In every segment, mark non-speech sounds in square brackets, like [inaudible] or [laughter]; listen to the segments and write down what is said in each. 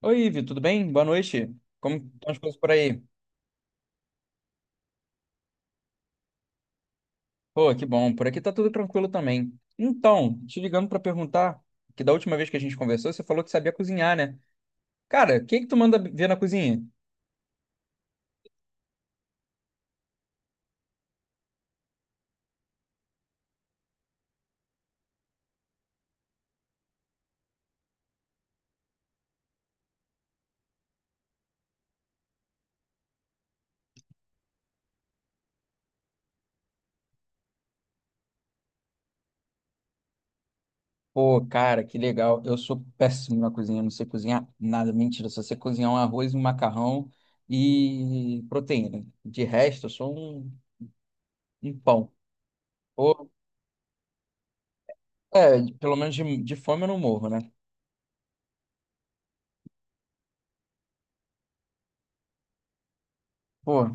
Oi, Ivi, tudo bem? Boa noite. Como estão as coisas por aí? Pô, que bom. Por aqui tá tudo tranquilo também. Então, te ligando pra perguntar, que da última vez que a gente conversou, você falou que sabia cozinhar, né? Cara, o que que tu manda ver na cozinha? Pô, cara, que legal. Eu sou péssimo na cozinha, eu não sei cozinhar nada. Mentira, só sei cozinhar um arroz, um macarrão e proteína. De resto, eu sou um, um pão. Ou, é, pelo menos de fome eu não morro, né? Pô,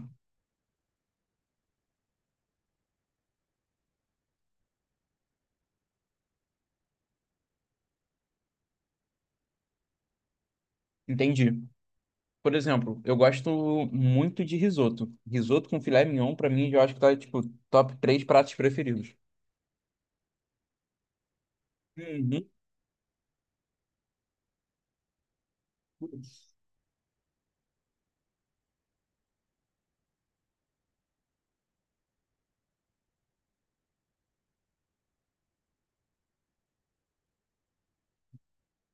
entendi. Por exemplo, eu gosto muito de risoto. Risoto com filé mignon, pra mim, eu acho que tá, tipo, top três pratos preferidos. Uhum.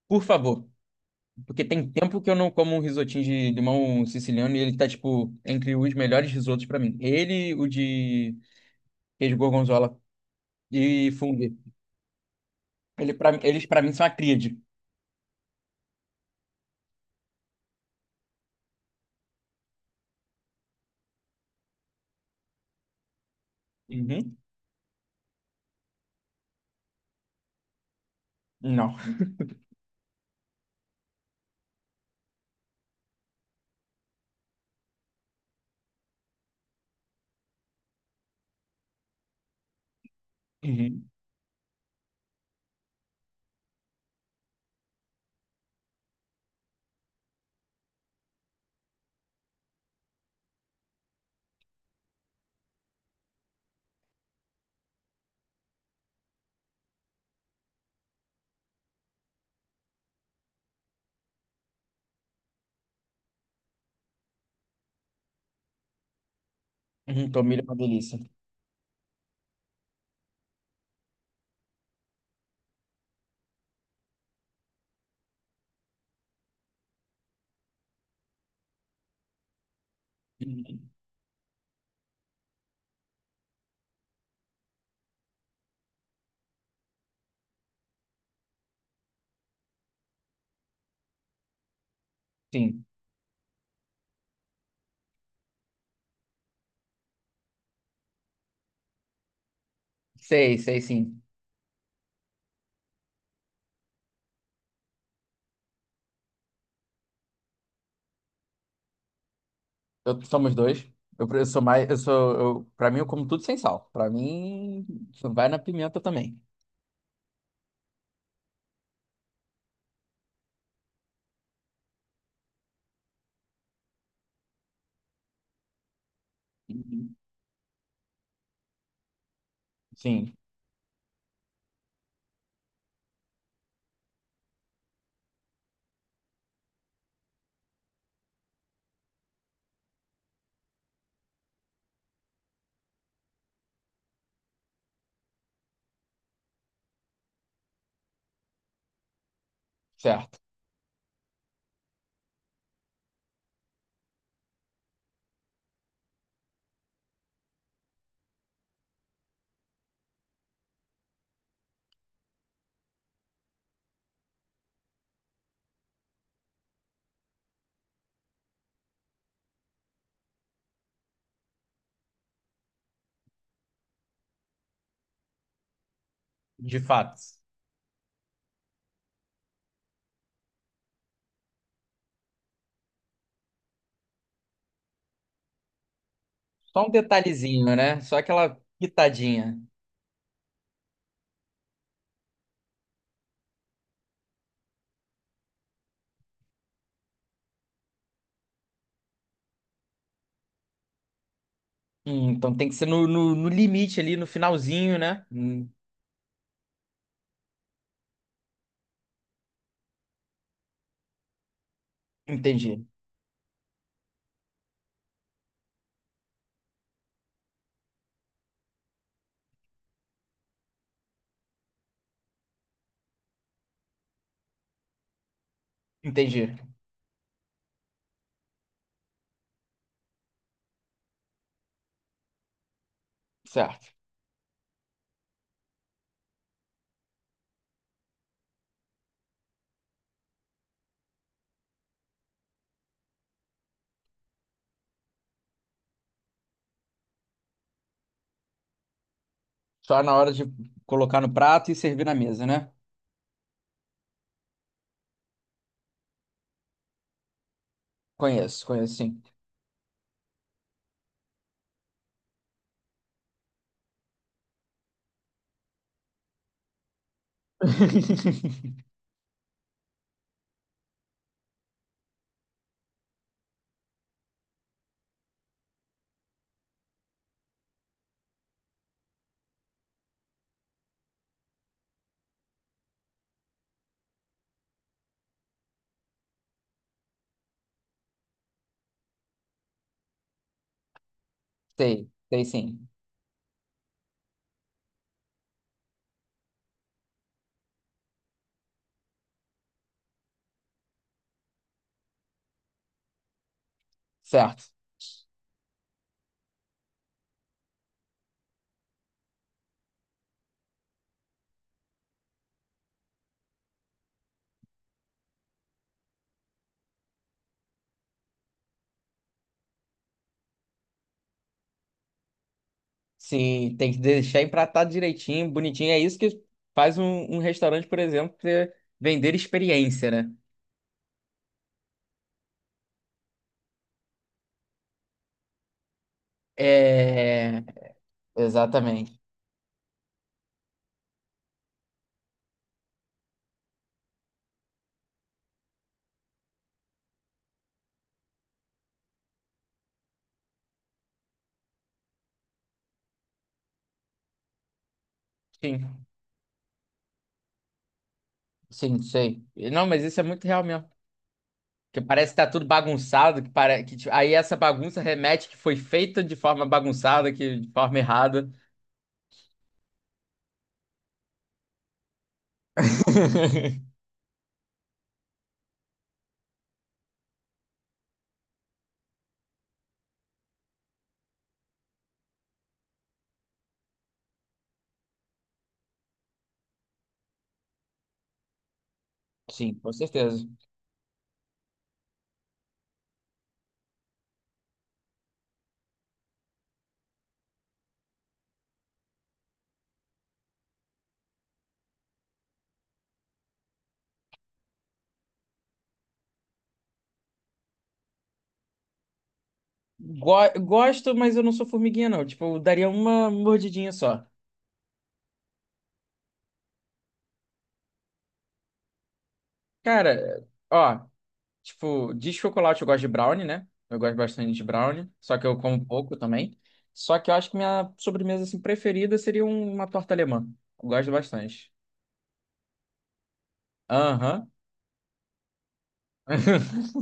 Por favor, porque tem tempo que eu não como um risotinho de limão siciliano e ele tá, tipo, entre os melhores risotos pra mim. Ele, o de queijo gorgonzola e fungo. Ele, pra, eles, pra mim, são a tríade. Uhum. Não. Uhum. Uhum. Tomilho é uma delícia. Uhum. Sim. Sei, sei, sim. Eu, somos dois. Eu, eu sou mais. Eu sou. Eu, pra mim, eu como tudo sem sal. Pra mim, vai na pimenta também. Uhum. Sim, certo. De fato. Só um detalhezinho, né? Só aquela pitadinha. Então tem que ser no limite ali, no finalzinho, né? Entendi. Entendi. Certo. Só na hora de colocar no prato e servir na mesa, né? Conheço, conheço sim. [laughs] Sei, sei sim. Certo. Sim, tem que deixar empratado direitinho, bonitinho. É isso que faz um, um restaurante, por exemplo, vender experiência, né? É, exatamente. Sim, sim, sei. Não, mas isso é muito real mesmo. Que parece que tá tudo bagunçado, que para que tipo, aí essa bagunça remete que foi feita de forma bagunçada, que de forma errada. [laughs] Sim, com certeza. Gosto, mas eu não sou formiguinha, não. Tipo, eu daria uma mordidinha só. Cara, ó. Tipo, de chocolate eu gosto de brownie, né? Eu gosto bastante de brownie, só que eu como pouco também. Só que eu acho que minha sobremesa assim, preferida seria uma torta alemã. Eu gosto bastante. Aham. [laughs]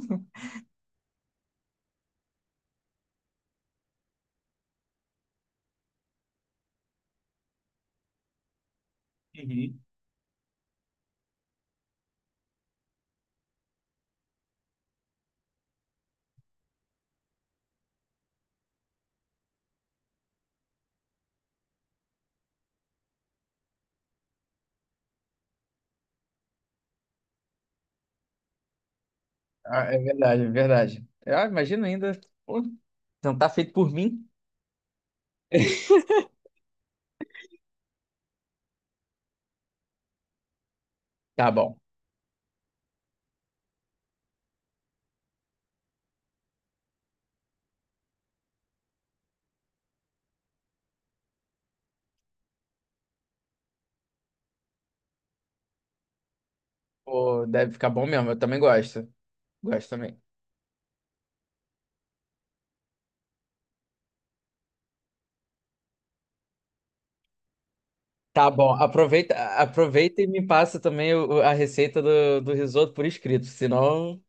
Uhum. Ah, é verdade, é verdade. Ah, imagina ainda. Pô, não tá feito por mim? Tá bom. Pô, deve ficar bom mesmo. Eu também gosto. Gosto também. Tá bom. Aproveita, aproveita e me passa também a receita do risoto por escrito, senão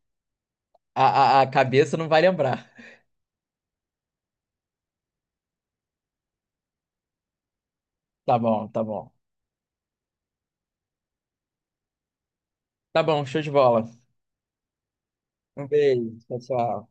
a cabeça não vai lembrar. Tá bom, tá bom. Tá bom, show de bola. Um beijo, tchau, tchau.